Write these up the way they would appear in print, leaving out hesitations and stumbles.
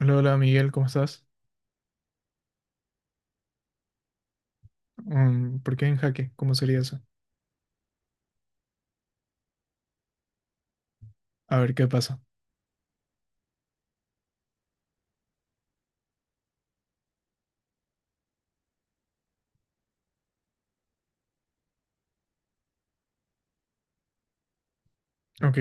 Hola, hola Miguel, ¿cómo estás? Mm, ¿por qué en jaque? ¿Cómo sería eso? A ver qué pasa. Ok,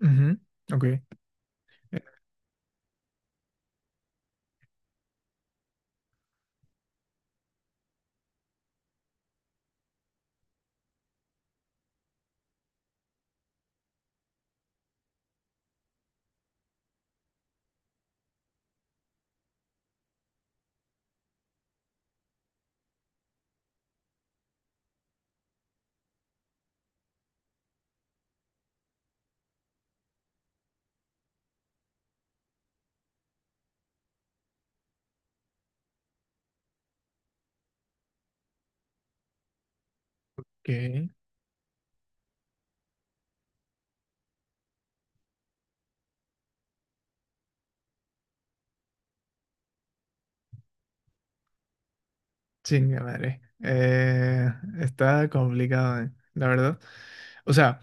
ujú, ok, ok. Chinga madre. Está complicado, la verdad. O sea,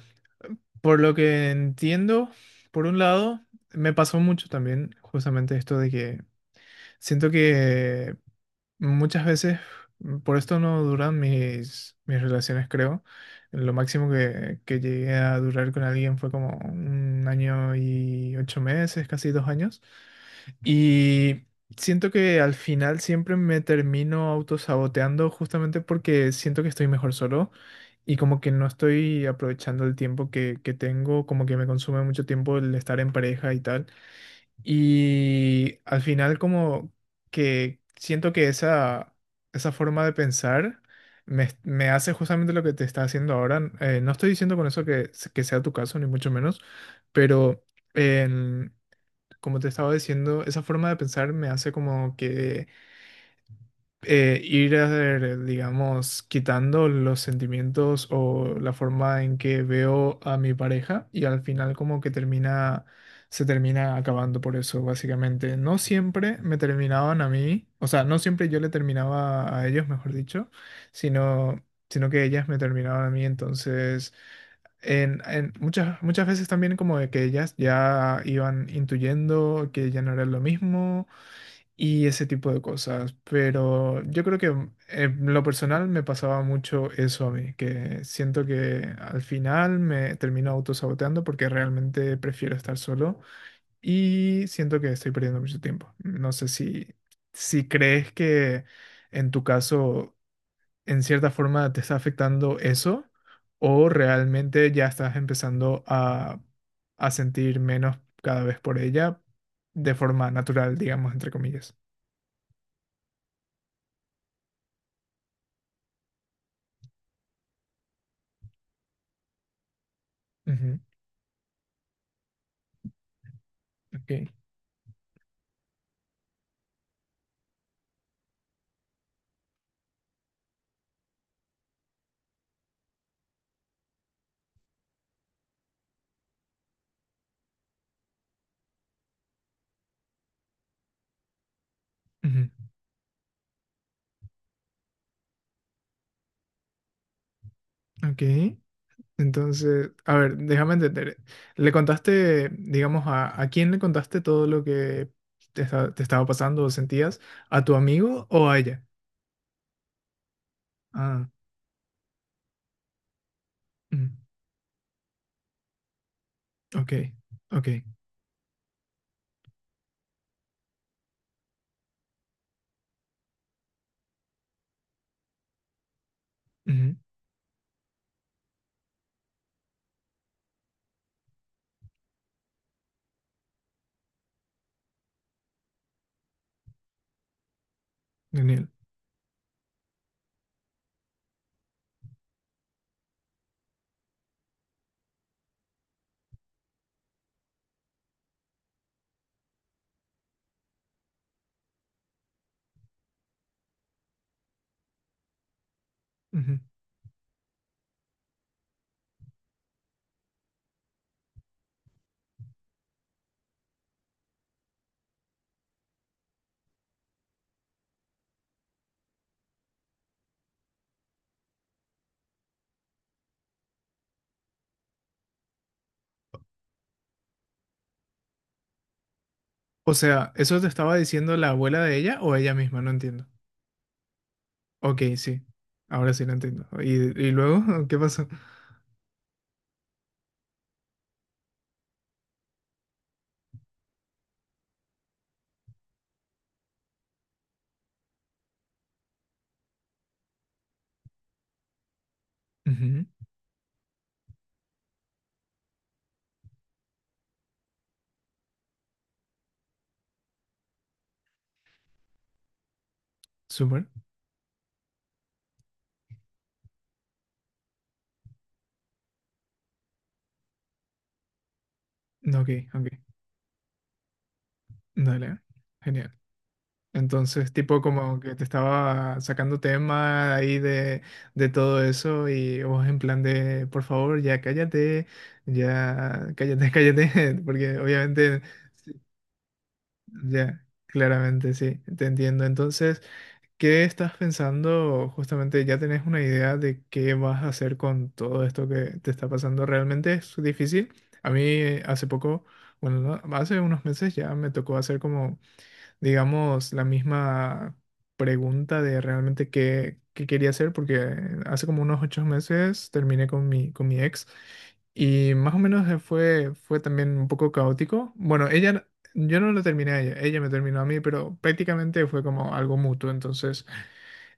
por lo que entiendo, por un lado, me pasó mucho también justamente esto de que siento que muchas veces, por esto no duran mis relaciones, creo. Lo máximo que llegué a durar con alguien fue como 1 año y 8 meses, casi 2 años. Y siento que al final siempre me termino autosaboteando justamente porque siento que estoy mejor solo y como que no estoy aprovechando el tiempo que tengo, como que me consume mucho tiempo el estar en pareja y tal. Y al final como que siento que esa forma de pensar me hace justamente lo que te está haciendo ahora. No estoy diciendo con eso que, que sea tu caso, ni mucho menos, pero en- como te estaba diciendo, esa forma de pensar me hace como que ir, digamos, quitando los sentimientos o la forma en que veo a mi pareja y al final como que se termina acabando por eso, básicamente. No siempre me terminaban a mí, o sea, no siempre yo le terminaba a ellos, mejor dicho, sino, sino que ellas me terminaban a mí, entonces... en muchas veces también como de que ellas ya iban intuyendo que ya no era lo mismo y ese tipo de cosas. Pero yo creo que en lo personal me pasaba mucho eso a mí, que siento que al final me termino autosaboteando porque realmente prefiero estar solo y siento que estoy perdiendo mucho tiempo. No sé si crees que en tu caso, en cierta forma, te está afectando eso o realmente ya estás empezando a sentir menos cada vez por ella de forma natural, digamos, entre comillas. Ujú. Ok. Ujú, ok. Entonces, a ver, déjame entender. ¿Le contaste, digamos, a quién le contaste todo lo que te, te estaba pasando o sentías? ¿A tu amigo o a ella? Ah, ujú, ok, ok. Ujú, genial. Ujú. O sea, ¿eso te estaba diciendo la abuela de ella o ella misma? No entiendo. Ok, sí. Ahora sí lo entiendo. Y luego qué pasó? Ujú, súper. Ok, ok. Dale. Genial. Entonces, tipo como que te estaba sacando tema ahí de todo eso y vos en plan de, por favor, ya cállate, cállate, porque obviamente, ya, claramente, sí, te entiendo. Entonces, ¿qué estás pensando? Justamente, ¿ya tenés una idea de qué vas a hacer con todo esto que te está pasando? ¿Realmente es difícil? A mí hace poco, bueno, no, hace unos meses ya me tocó hacer como digamos, la misma pregunta de realmente qué quería hacer, porque hace como unos 8 meses terminé con con mi ex y más o menos fue también un poco caótico. Bueno, ella, yo no lo terminé a ella, ella me terminó a mí, pero prácticamente fue como algo mutuo. Entonces,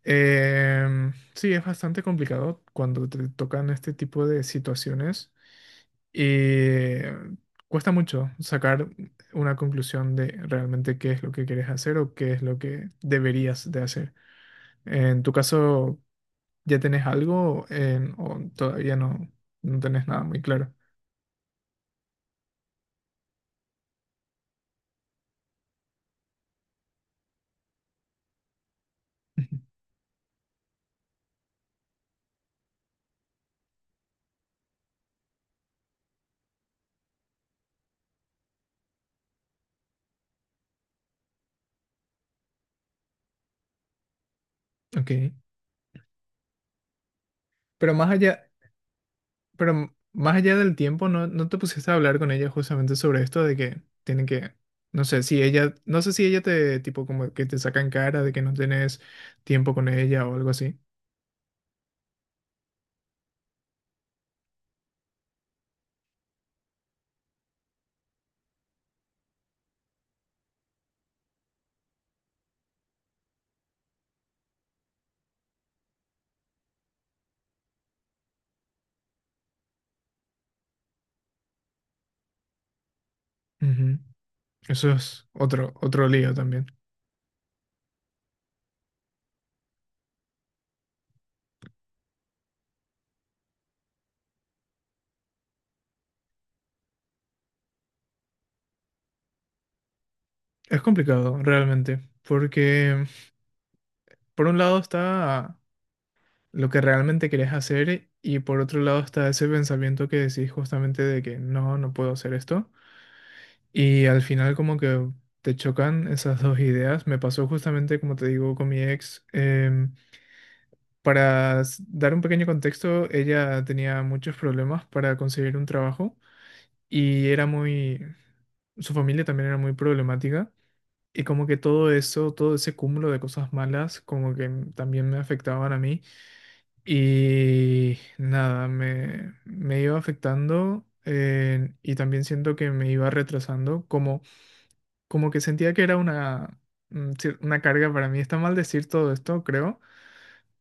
sí, es bastante complicado cuando te tocan este tipo de situaciones. Eh, cuesta mucho sacar una conclusión de realmente qué es lo que quieres hacer o qué es lo que deberías de hacer. En tu caso, ¿ya tenés algo o todavía no, no tenés nada muy claro? Ujú. Ok. Pero más allá, pero más allá del tiempo, ¿no, no te pusiste a hablar con ella justamente sobre esto de que tienen que, no sé si ella, no sé si ella te, tipo, como que te saca en cara de que no tenés tiempo con ella o algo así? Ujú. Eso es otro, otro lío también. Es complicado, realmente, porque por un lado está lo que realmente querés hacer y por otro lado está ese pensamiento que decís justamente de que no, no puedo hacer esto. Y al final como que te chocan esas dos ideas. Me pasó justamente, como te digo, con mi ex. Dar un pequeño contexto, ella tenía muchos problemas para conseguir un trabajo y era muy... Su familia también era muy problemática. Y como que todo eso, todo ese cúmulo de cosas malas, como que también me afectaban a mí. Y nada, me iba afectando y también siento que me iba retrasando, como, como que sentía que era una, una carga para mí. Está mal decir todo esto, creo,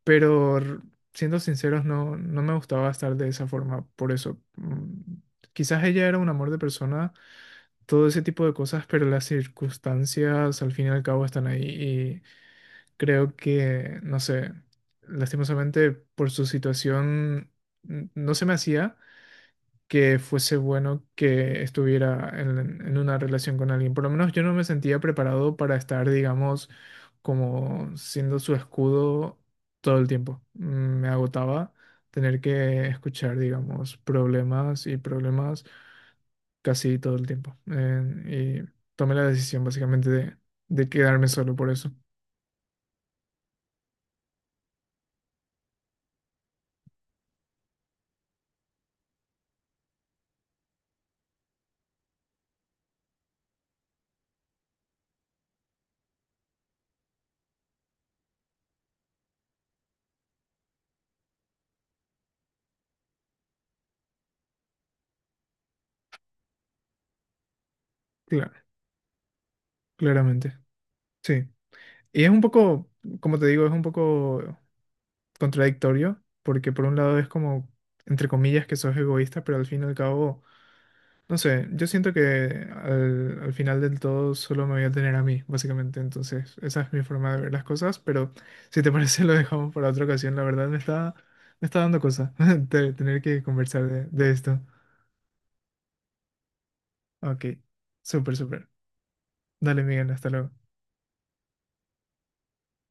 pero siendo sinceros, no, no me gustaba estar de esa forma. Por eso, quizás ella era un amor de persona todo ese tipo de cosas, pero las circunstancias al fin y al cabo están ahí. Creo que, no sé, lastimosamente por su situación no se me hacía que fuese bueno que estuviera en una relación con alguien. Por lo menos yo no me sentía preparado para estar, digamos, como siendo su escudo todo el tiempo. Me agotaba tener que escuchar, digamos, problemas y problemas casi todo el tiempo. Y tomé la decisión básicamente de quedarme solo por eso. Claro, claramente. Sí. Y es un poco, como te digo, es un poco contradictorio, porque por un lado es como, entre comillas, que sos egoísta, pero al fin y al cabo, no sé, yo siento que al final del todo solo me voy a tener a mí, básicamente. Entonces, esa es mi forma de ver las cosas, pero si te parece lo dejamos para otra ocasión. La verdad me está dando cosa de tener que conversar de esto. Ok, súper, súper. Dale, Miguel, hasta luego.